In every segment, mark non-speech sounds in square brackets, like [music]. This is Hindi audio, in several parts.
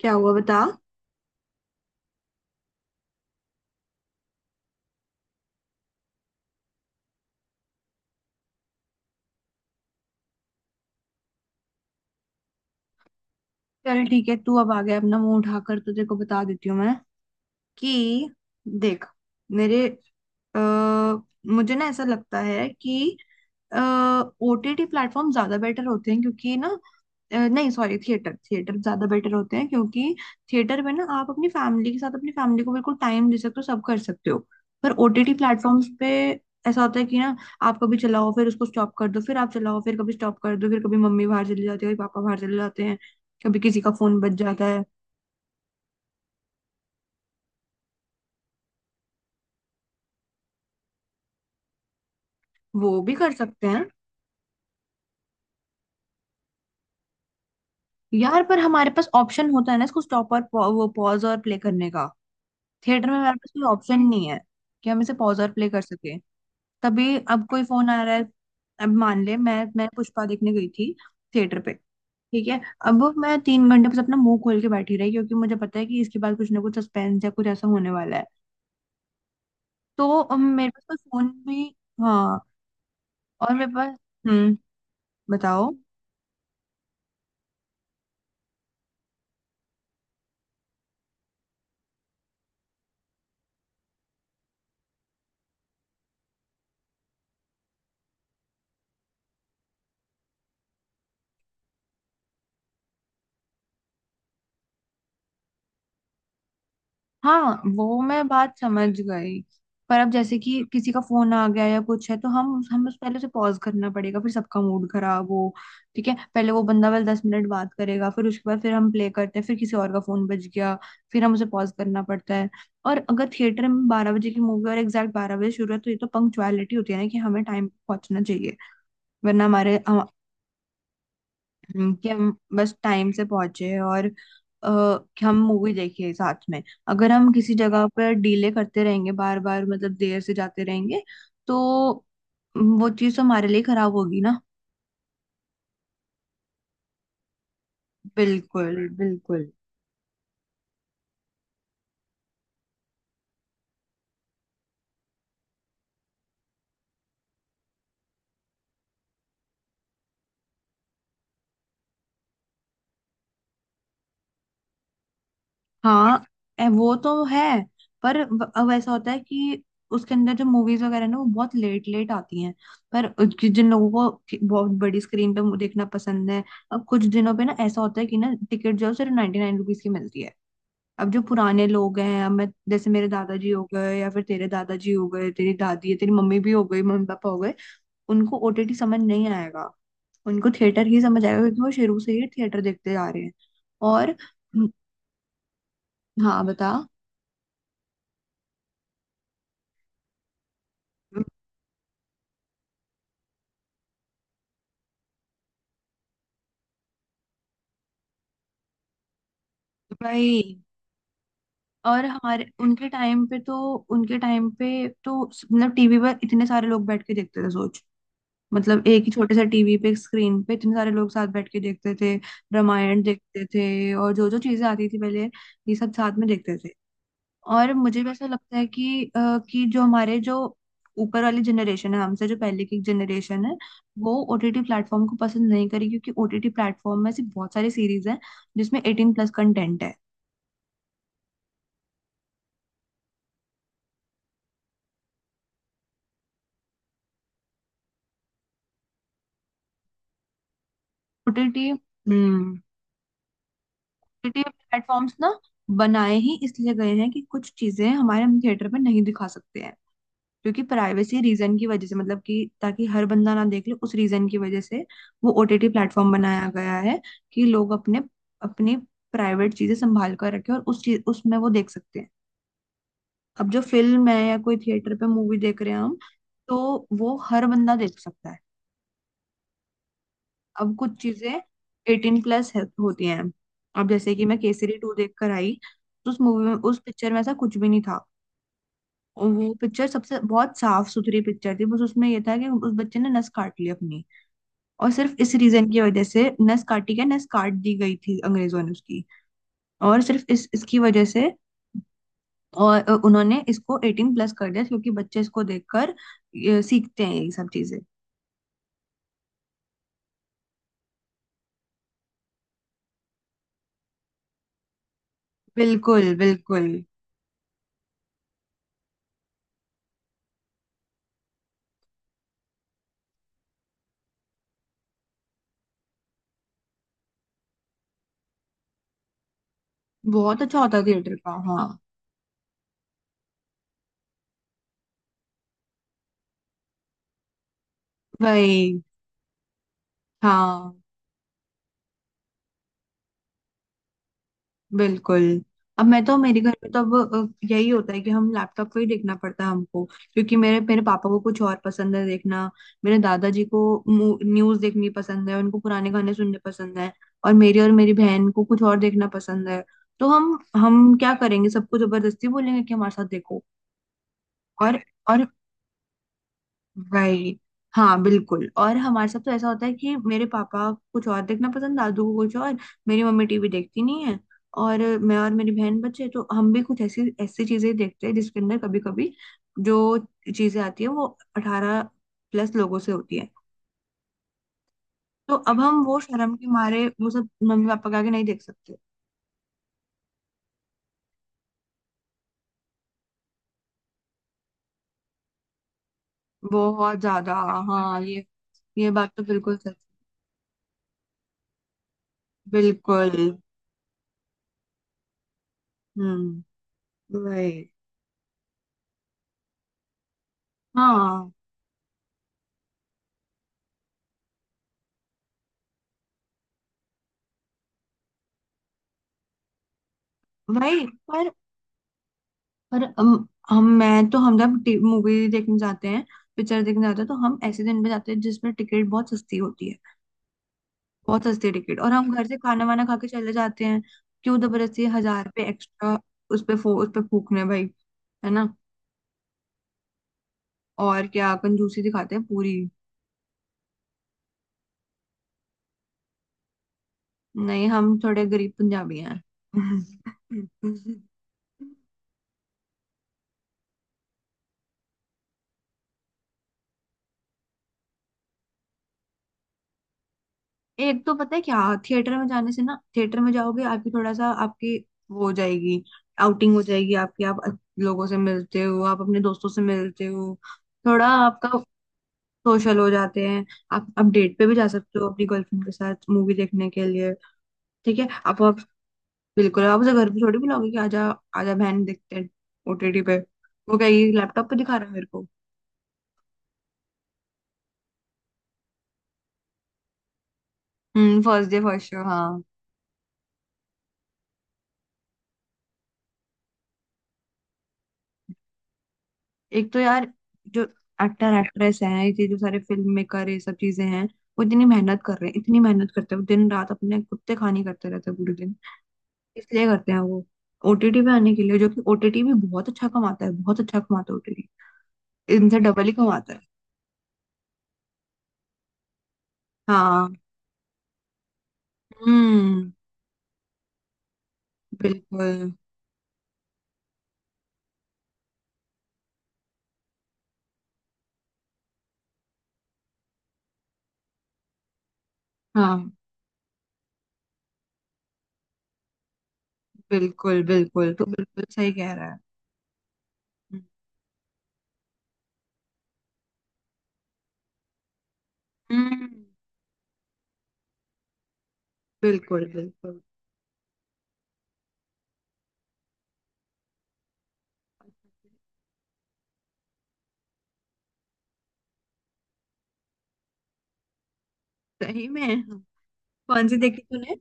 क्या हुआ बता। चल, ठीक है, तू अब आ गया अपना मुंह उठाकर, तुझे को बता देती हूँ मैं कि देख मेरे अ, मुझे ना ऐसा लगता है कि ओटीटी प्लेटफॉर्म ज्यादा बेटर होते हैं क्योंकि ना नहीं सॉरी, थिएटर थिएटर ज्यादा बेटर होते हैं क्योंकि थिएटर में ना आप अपनी फैमिली के साथ अपनी फैमिली को बिल्कुल टाइम दे सकते हो, सब कर सकते हो। पर ओटीटी प्लेटफॉर्म्स पे ऐसा होता है कि ना आप कभी चलाओ फिर उसको स्टॉप कर दो, फिर आप चलाओ फिर कभी स्टॉप कर दो, फिर कभी मम्मी बाहर चली जाती है, कभी पापा बाहर चले जाते हैं, कभी किसी का फोन बज जाता है। वो भी कर सकते हैं। यार पर हमारे पास ऑप्शन होता है ना इसको स्टॉप और वो पॉज और प्ले करने का। थिएटर में हमारे पास कोई ऑप्शन नहीं है कि हम इसे पॉज और प्ले कर सके। तभी अब कोई फोन आ रहा है। अब मान ले मैं पुष्पा देखने गई थी, थिएटर पे, ठीक है। अब मैं 3 घंटे बस अपना मुंह खोल के बैठी रही क्योंकि मुझे पता है कि इसके बाद कुछ ना कुछ सस्पेंस या कुछ ऐसा होने वाला है। तो मेरे पास कोई फोन भी। हाँ। और मेरे पास। हम्म। बताओ। हाँ वो मैं बात समझ गई। पर अब जैसे कि किसी का फोन आ गया या कुछ है तो हम उस पहले से पॉज करना पड़ेगा, फिर सबका मूड खराब हो। ठीक है, पहले वो बंदा वाला 10 मिनट बात करेगा, फिर उसके बाद फिर हम प्ले करते हैं, फिर किसी और का फोन बज गया, फिर हम उसे पॉज करना पड़ता है। और अगर थिएटर में 12 बजे की मूवी और एग्जैक्ट 12 बजे शुरू है तो ये तो पंक्चुअलिटी होती है ना कि हमें टाइम पे पहुंचना चाहिए, वरना हमारे कि हम बस टाइम से पहुंचे और आ, कि हम मूवी देखे साथ में। अगर हम किसी जगह पर डीले करते रहेंगे बार बार, मतलब देर से जाते रहेंगे, तो वो चीज तो हमारे लिए खराब होगी ना। बिल्कुल बिल्कुल। हाँ। वो तो है। पर अब ऐसा होता है कि उसके अंदर जो मूवीज वगैरह ना वो बहुत लेट लेट आती हैं। पर जिन लोगों को बहुत बड़ी स्क्रीन पे देखना पसंद है, अब कुछ दिनों पे ना ऐसा होता है कि ना टिकट जो है सिर्फ 99 रुपीज की मिलती है। अब जो पुराने लोग हैं, अब मैं जैसे मेरे दादाजी हो गए या फिर तेरे दादाजी हो गए, तेरी दादी है, तेरी मम्मी भी हो गई, मम्मी पापा हो गए, उनको ओटीटी समझ नहीं आएगा। उनको थिएटर ही समझ आएगा क्योंकि वो शुरू से ही थिएटर देखते जा रहे हैं। और हाँ बता भाई। और हमारे उनके टाइम पे तो उनके टाइम पे तो मतलब टीवी पर इतने सारे लोग बैठ के देखते थे, सोच, मतलब एक ही छोटे से टीवी पे एक स्क्रीन पे इतने सारे लोग साथ बैठ के देखते थे। रामायण देखते थे और जो जो चीजें आती थी पहले, ये सब साथ में देखते थे। और मुझे भी ऐसा लगता है कि कि जो हमारे जो ऊपर वाली जनरेशन है, हमसे जो पहले की जनरेशन है, वो ओटीटी प्लेटफॉर्म को पसंद नहीं करेगी क्योंकि ओटीटी प्लेटफॉर्म में ऐसी बहुत सारी सीरीज हैं जिसमें 18 प्लस कंटेंट है। ओटीटी। हम्म। ओटीटी प्लेटफॉर्म्स ना बनाए ही इसलिए गए हैं कि कुछ चीजें हमारे हम थिएटर में नहीं दिखा सकते हैं, क्योंकि प्राइवेसी रीजन की वजह से, मतलब कि ताकि हर बंदा ना देख ले, उस रीजन की वजह से वो ओटीटी प्लेटफॉर्म बनाया गया है, कि लोग अपने अपनी प्राइवेट चीजें संभाल कर रखें और उस चीज उसमें वो देख सकते हैं। अब जो फिल्म है या कोई थिएटर पे मूवी देख रहे हैं हम, तो वो हर बंदा देख सकता है। अब कुछ चीजें 18 प्लस होती हैं। अब जैसे कि मैं केसरी टू देख कर आई, तो उस मूवी में, उस पिक्चर में ऐसा कुछ भी नहीं था। और वो पिक्चर सबसे बहुत साफ सुथरी पिक्चर थी, बस उसमें ये था कि उस बच्चे ने नस काट ली अपनी, और सिर्फ इस रीजन की वजह से नस काटी, क्या नस काट दी गई थी अंग्रेजों ने उसकी, और सिर्फ इस इसकी वजह से। और उन्होंने इसको 18 प्लस कर दिया क्योंकि बच्चे इसको देखकर सीखते हैं ये सब चीजें। बिल्कुल बिल्कुल। बहुत अच्छा होता है थिएटर का, हाँ। वही। हाँ बिल्कुल। अब मैं तो, मेरे घर में तो अब यही होता है कि हम लैपटॉप पे ही देखना पड़ता है हमको, क्योंकि मेरे मेरे पापा को कुछ और पसंद है देखना, मेरे दादाजी को न्यूज देखनी पसंद है, उनको पुराने गाने सुनने पसंद है, और मेरी बहन को कुछ और देखना पसंद है। तो हम क्या करेंगे, सबको जबरदस्ती बोलेंगे कि हमारे साथ देखो। और और राइट। हाँ बिल्कुल, और हमारे साथ तो ऐसा होता है कि मेरे पापा को कुछ और देखना पसंद, दादू को कुछ और, मेरी मम्मी टीवी देखती नहीं है, और मैं और मेरी बहन बच्चे तो हम भी कुछ ऐसी ऐसी चीजें देखते हैं जिसके अंदर कभी कभी जो चीजें आती है वो 18 प्लस लोगों से होती है। तो अब हम वो शर्म के मारे वो सब मम्मी पापा के आगे नहीं देख सकते। बहुत ज्यादा। हाँ ये बात तो बिल्कुल सच। बिल्कुल। हम्म। वही। हाँ वही। पर हम मैं तो, हम जब मूवी देखने जाते हैं, पिक्चर देखने जाते हैं, तो हम ऐसे दिन पे जाते हैं जिसमें टिकट बहुत सस्ती होती है। बहुत सस्ती टिकट, और हम घर से खाना वाना खा के चले जाते हैं। क्यों जबरदस्ती 1000 रुपये एक्स्ट्रा उस पे फूकने भाई, है ना। और क्या, कंजूसी दिखाते हैं पूरी। नहीं, हम थोड़े गरीब पंजाबी हैं। [laughs] एक तो पता है क्या, थिएटर में जाने से ना, थिएटर में जाओगे आपकी थोड़ा सा आपकी वो हो जाएगी, आउटिंग हो जाएगी आपकी, आप लोगों से मिलते हो, आप अपने दोस्तों से मिलते हो, थोड़ा आपका सोशल हो जाते हैं। आप डेट पे भी जा सकते हो अपनी गर्लफ्रेंड के साथ मूवी देखने के लिए। ठीक है, आप बिल्कुल, आप उसे घर पे थोड़ी बुलाओगे कि आजा आजा बहन देखते हैं ओटीटी पे, वो कहेगी लैपटॉप पे दिखा रहा है मेरे को। हम्म, फर्स्ट डे फर्स्ट शो हाँ। एक तो यार जो एक्टर एक्ट्रेस हैं, ये जो सारे फिल्म मेकर ये सब चीजें हैं, वो इतनी मेहनत कर रहे हैं, इतनी मेहनत करते हैं वो दिन रात, अपने कुत्ते खानी करते रहते हैं पूरे दिन, इसलिए करते हैं वो, ओटीटी पे आने के लिए, जो कि ओटीटी भी बहुत अच्छा कमाता है, बहुत अच्छा कमाता है ओटीटी, इनसे डबल ही कमाता है। हाँ। हम्म। बिल्कुल। हाँ बिल्कुल बिल्कुल, तो बिल्कुल सही कह रहा है। हम्म। बिल्कुल बिल्कुल। सही में, कौन सी देखी तूने?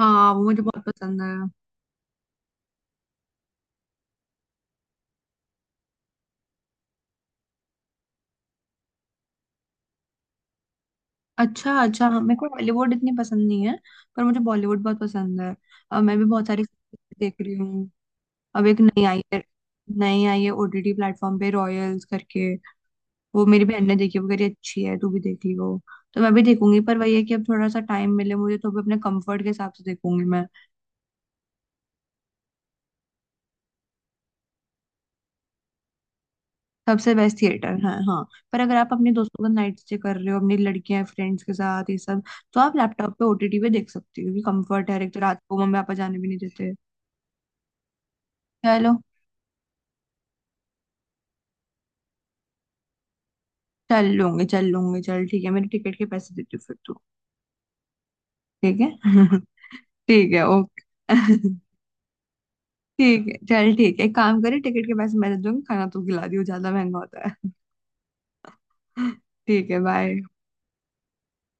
हाँ, वो मुझे बहुत पसंद है। अच्छा अच्छा हाँ, मेरे को हॉलीवुड इतनी पसंद नहीं है, पर मुझे बॉलीवुड बहुत पसंद है। और मैं भी बहुत सारी सीरीज देख रही हूँ। अब एक नई आई है, नई आई है ओटीटी प्लेटफॉर्म पे, रॉयल्स करके, वो मेरी बहन ने देखी, वो कह रही अच्छी है, तू भी देख ली वो, तो मैं भी देखूंगी। पर वही है कि अब थोड़ा सा टाइम मिले मुझे तो भी अपने कंफर्ट के हिसाब से देखूंगी मैं। सबसे बेस्ट थिएटर है हाँ। पर अगर आप अपने दोस्तों का नाइट स्टे कर रहे हो अपनी लड़कियां फ्रेंड्स के साथ ये सब, तो आप लैपटॉप पे ओटीटी पे देख सकती हो, क्योंकि कंफर्ट है, एक तो रात को मम्मी पापा जाने भी नहीं देते। चलो। चल लूंगी, चल ठीक है, मेरे टिकट के पैसे दे दो फिर तू। ठीक है। [laughs] ठीक है ओके। [laughs] ठीक है चल ठीक है, एक काम करे, टिकट के पैसे मैं दे दूंगी, खाना तू खिला दियो, ज्यादा महंगा होता है। [laughs] ठीक है बाय।